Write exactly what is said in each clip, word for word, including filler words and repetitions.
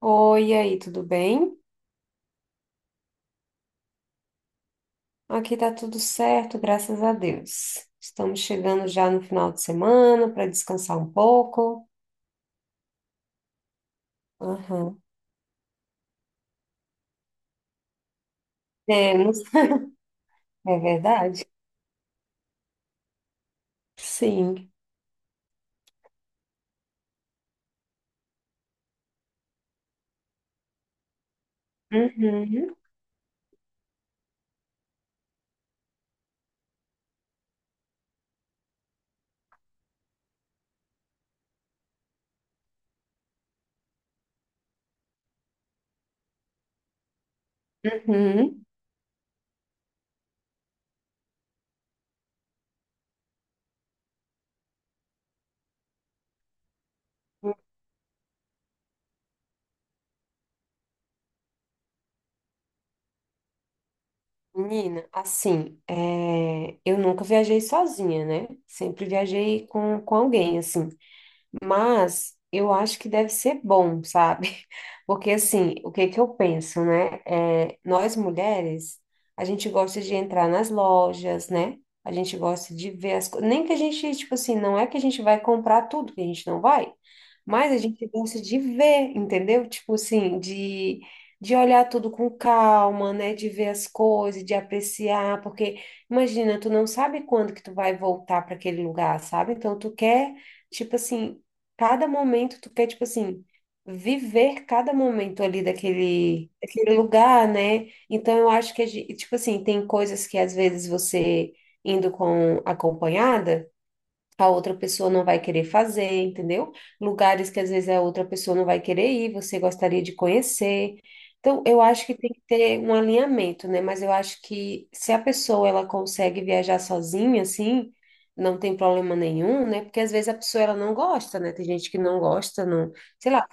Oi, e aí, tudo bem? Aqui tá tudo certo, graças a Deus. Estamos chegando já no final de semana para descansar um pouco. Aham. É, é verdade? Sim. Uhum, uhum. Menina, assim, é, eu nunca viajei sozinha, né? Sempre viajei com, com alguém, assim. Mas eu acho que deve ser bom, sabe? Porque assim, o que que eu penso, né? É, nós mulheres, a gente gosta de entrar nas lojas, né? A gente gosta de ver as coisas. Nem que a gente, tipo assim, não é que a gente vai comprar tudo, que a gente não vai, mas a gente gosta de ver, entendeu? Tipo assim, de, de olhar tudo com calma, né? De ver as coisas, de apreciar, porque imagina, tu não sabe quando que tu vai voltar para aquele lugar, sabe? Então tu quer. Tipo assim, cada momento tu quer, tipo assim, viver cada momento ali daquele, daquele lugar, né? Então eu acho que, a gen- tipo assim, tem coisas que às vezes você indo com acompanhada a outra pessoa não vai querer fazer, entendeu? Lugares que às vezes a outra pessoa não vai querer ir, você gostaria de conhecer. Então, eu acho que tem que ter um alinhamento, né? Mas eu acho que se a pessoa ela consegue viajar sozinha, assim, não tem problema nenhum, né? Porque às vezes a pessoa ela não gosta, né? Tem gente que não gosta, não, sei lá,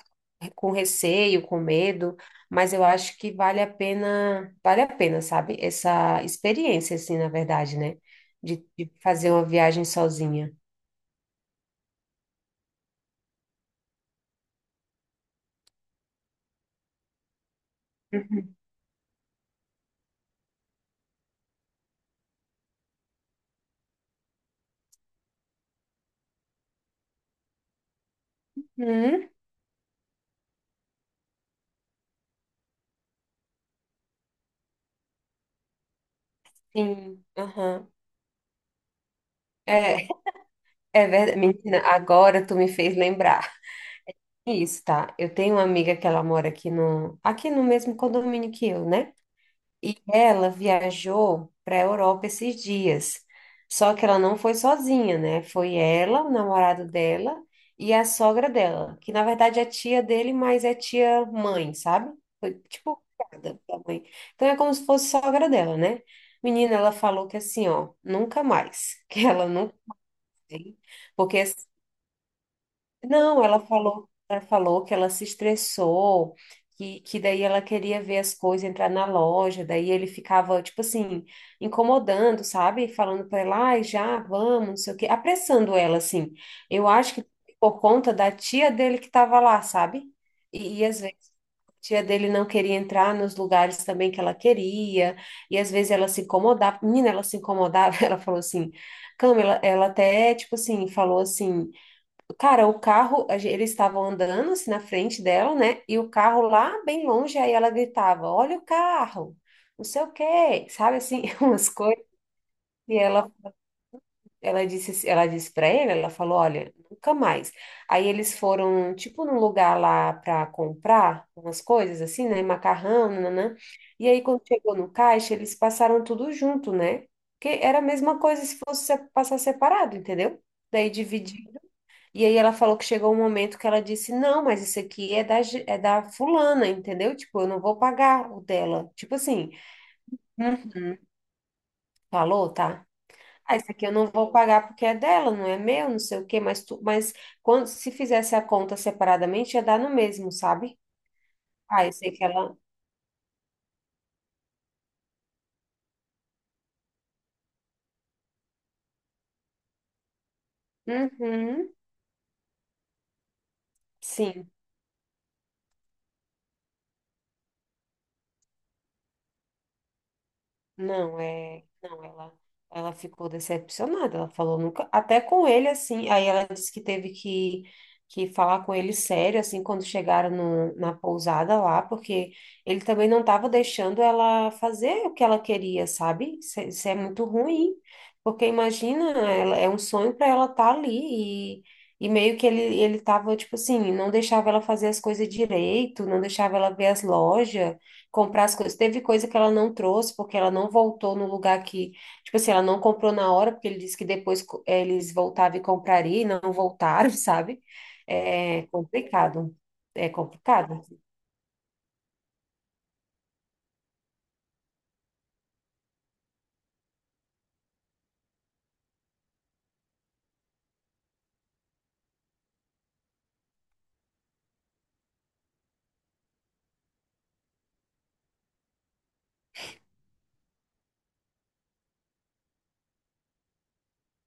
com receio, com medo, mas eu acho que vale a pena, vale a pena, sabe? Essa experiência, assim, na verdade, né? De, de fazer uma viagem sozinha. Uhum, sim, aham. É, é verdade. Menina, agora tu me fez lembrar. Isso, tá? Eu tenho uma amiga que ela mora aqui no, aqui no mesmo condomínio que eu, né? E ela viajou para a Europa esses dias. Só que ela não foi sozinha, né? Foi ela, o namorado dela e a sogra dela, que na verdade é tia dele, mas é tia mãe, sabe? Foi tipo criada pela mãe. Então é como se fosse sogra dela, né? Menina, ela falou que assim, ó, nunca mais, que ela não tem, porque não, ela falou, ela falou que ela se estressou, que, que daí ela queria ver as coisas entrar na loja, daí ele ficava, tipo assim, incomodando, sabe? Falando para ela, ai, já, vamos, não sei o quê, apressando ela, assim. Eu acho que por conta da tia dele que estava lá, sabe? E, e às vezes a tia dele não queria entrar nos lugares também que ela queria, e às vezes ela se incomodava, menina, ela se incomodava, ela falou assim, Câmara, ela ela até, tipo assim, falou assim. Cara, o carro, a gen- eles estavam andando assim na frente dela, né? E o carro lá bem longe, aí ela gritava: Olha o carro, não sei o quê, sabe assim, umas coisas. E ela, ela disse, assim- ela disse para ele: Ela falou, olha, nunca mais. Aí eles foram, tipo, num lugar lá para comprar umas coisas assim, né? Macarrão, nananã. E aí quando chegou no caixa, eles passaram tudo junto, né? Porque era a mesma coisa se fosse se- passar separado, entendeu? Daí dividiu. E aí ela falou que chegou um momento que ela disse, não, mas isso aqui é da, ge- é da fulana, entendeu? Tipo, eu não vou pagar o dela. Tipo assim, "Uhum, falou, tá? Ah, isso aqui eu não vou pagar porque é dela, não é meu, não sei o quê, mas tu, mas quando se fizesse a conta separadamente, ia dar no mesmo, sabe? Ah, eu sei que ela. Uhum, sim. Não, é, não, ela, ela ficou decepcionada. Ela falou nunca, até com ele assim. Aí ela disse que teve que, que falar com ele sério assim quando chegaram no, na pousada lá, porque ele também não estava deixando ela fazer o que ela queria, sabe? Isso, é isso é muito ruim, porque imagina, ela, é um sonho para ela estar ali e E meio que ele, ele tava, tipo assim, não deixava ela fazer as coisas direito, não deixava ela ver as lojas comprar as coisas. Teve coisa que ela não trouxe, porque ela não voltou no lugar que, tipo assim, ela não comprou na hora, porque ele disse que depois co- eh, eles voltavam e comprariam, e não voltaram, sabe? É complicado. É complicado.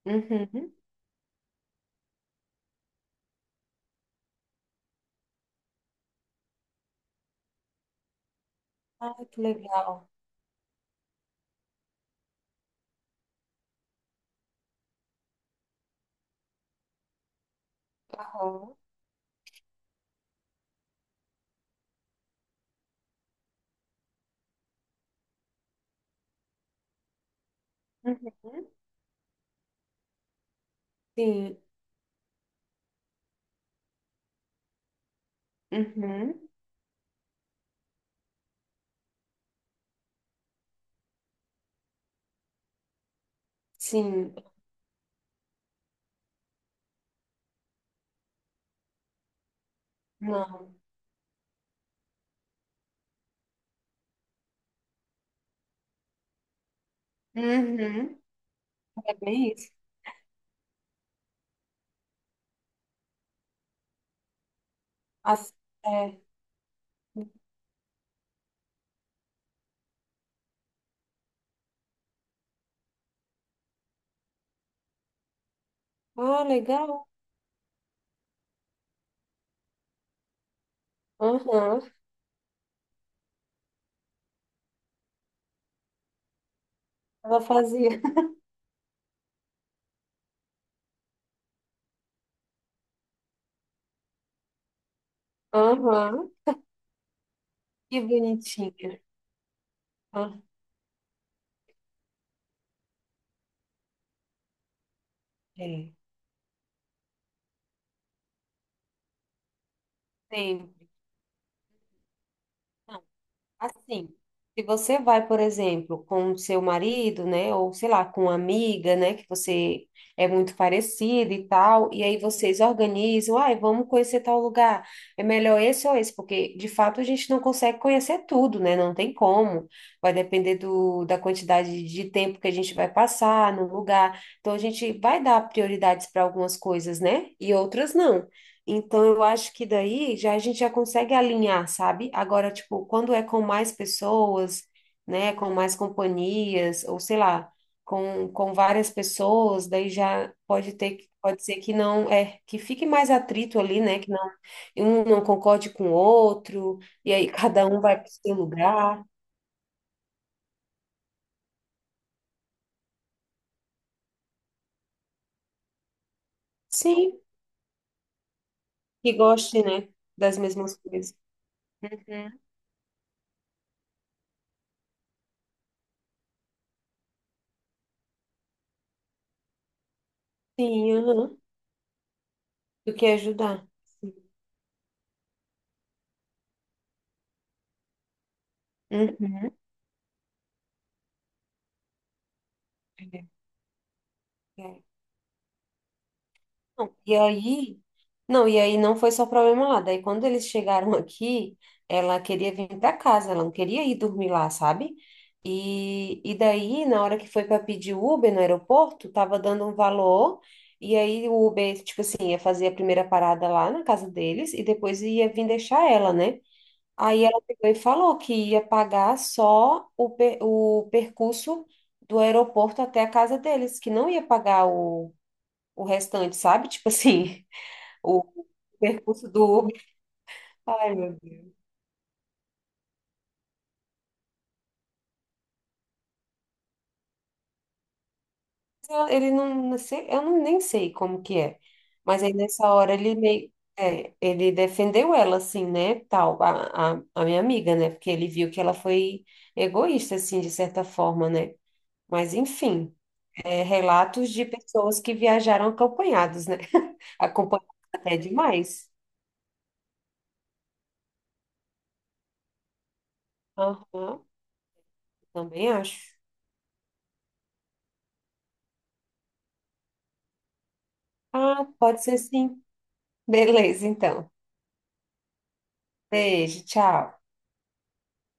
Uhum. Ai, que legal. Aham. Uhum. Sim. Uhum. Sim. Não. Uhum. É bem isso. As- é. Ah, legal. Aham. Ela fazia. Aham. Que bonitinha. Ah, é. Sempre. Não, assim, se você vai, por exemplo, com o seu marido, né, ou sei lá, com uma amiga, né, que você é muito parecida e tal, e aí vocês organizam, ai, vamos conhecer tal lugar, é melhor esse ou esse, porque de fato a gente não consegue conhecer tudo, né, não tem como, vai depender do, da quantidade de tempo que a gente vai passar no lugar, então a gente vai dar prioridades para algumas coisas, né, e outras não. Então, eu acho que daí já a gente já consegue alinhar, sabe? Agora, tipo, quando é com mais pessoas, né, com mais companhias, ou sei lá, com, com várias pessoas, daí já pode ter, que- pode ser que não, é, que fique mais atrito ali, né, que não, um não concorde com o outro, e aí cada um vai para o seu lugar. Sim, que goste, né, das mesmas coisas. Uhum. Sim, aham, do que ajudar. Sim. Uhum. É. Não, e aí, não, e aí não foi só problema lá. Daí quando eles chegaram aqui, ela queria vir para casa, ela não queria ir dormir lá, sabe? E, e daí, na hora que foi para pedir Uber no aeroporto, tava dando um valor, e aí o Uber, tipo assim, ia fazer a primeira parada lá na casa deles e depois ia vir deixar ela, né? Aí ela pegou e falou que ia pagar só o, per- o percurso do aeroporto até a casa deles, que não ia pagar o, o restante, sabe? Tipo assim o percurso do Uber. Ai, meu Deus. Eu- ele não, não sei, eu não, nem sei como que é. Mas aí nessa hora ele meio. É, ele defendeu ela, assim, né? Tal, a, a, a minha amiga, né? Porque ele viu que ela foi egoísta, assim, de certa forma, né? Mas enfim, é, relatos de pessoas que viajaram acompanhados, né? Acompanhados até demais. Aham, também acho. Ah, pode ser sim. Beleza, então. Beijo, tchau.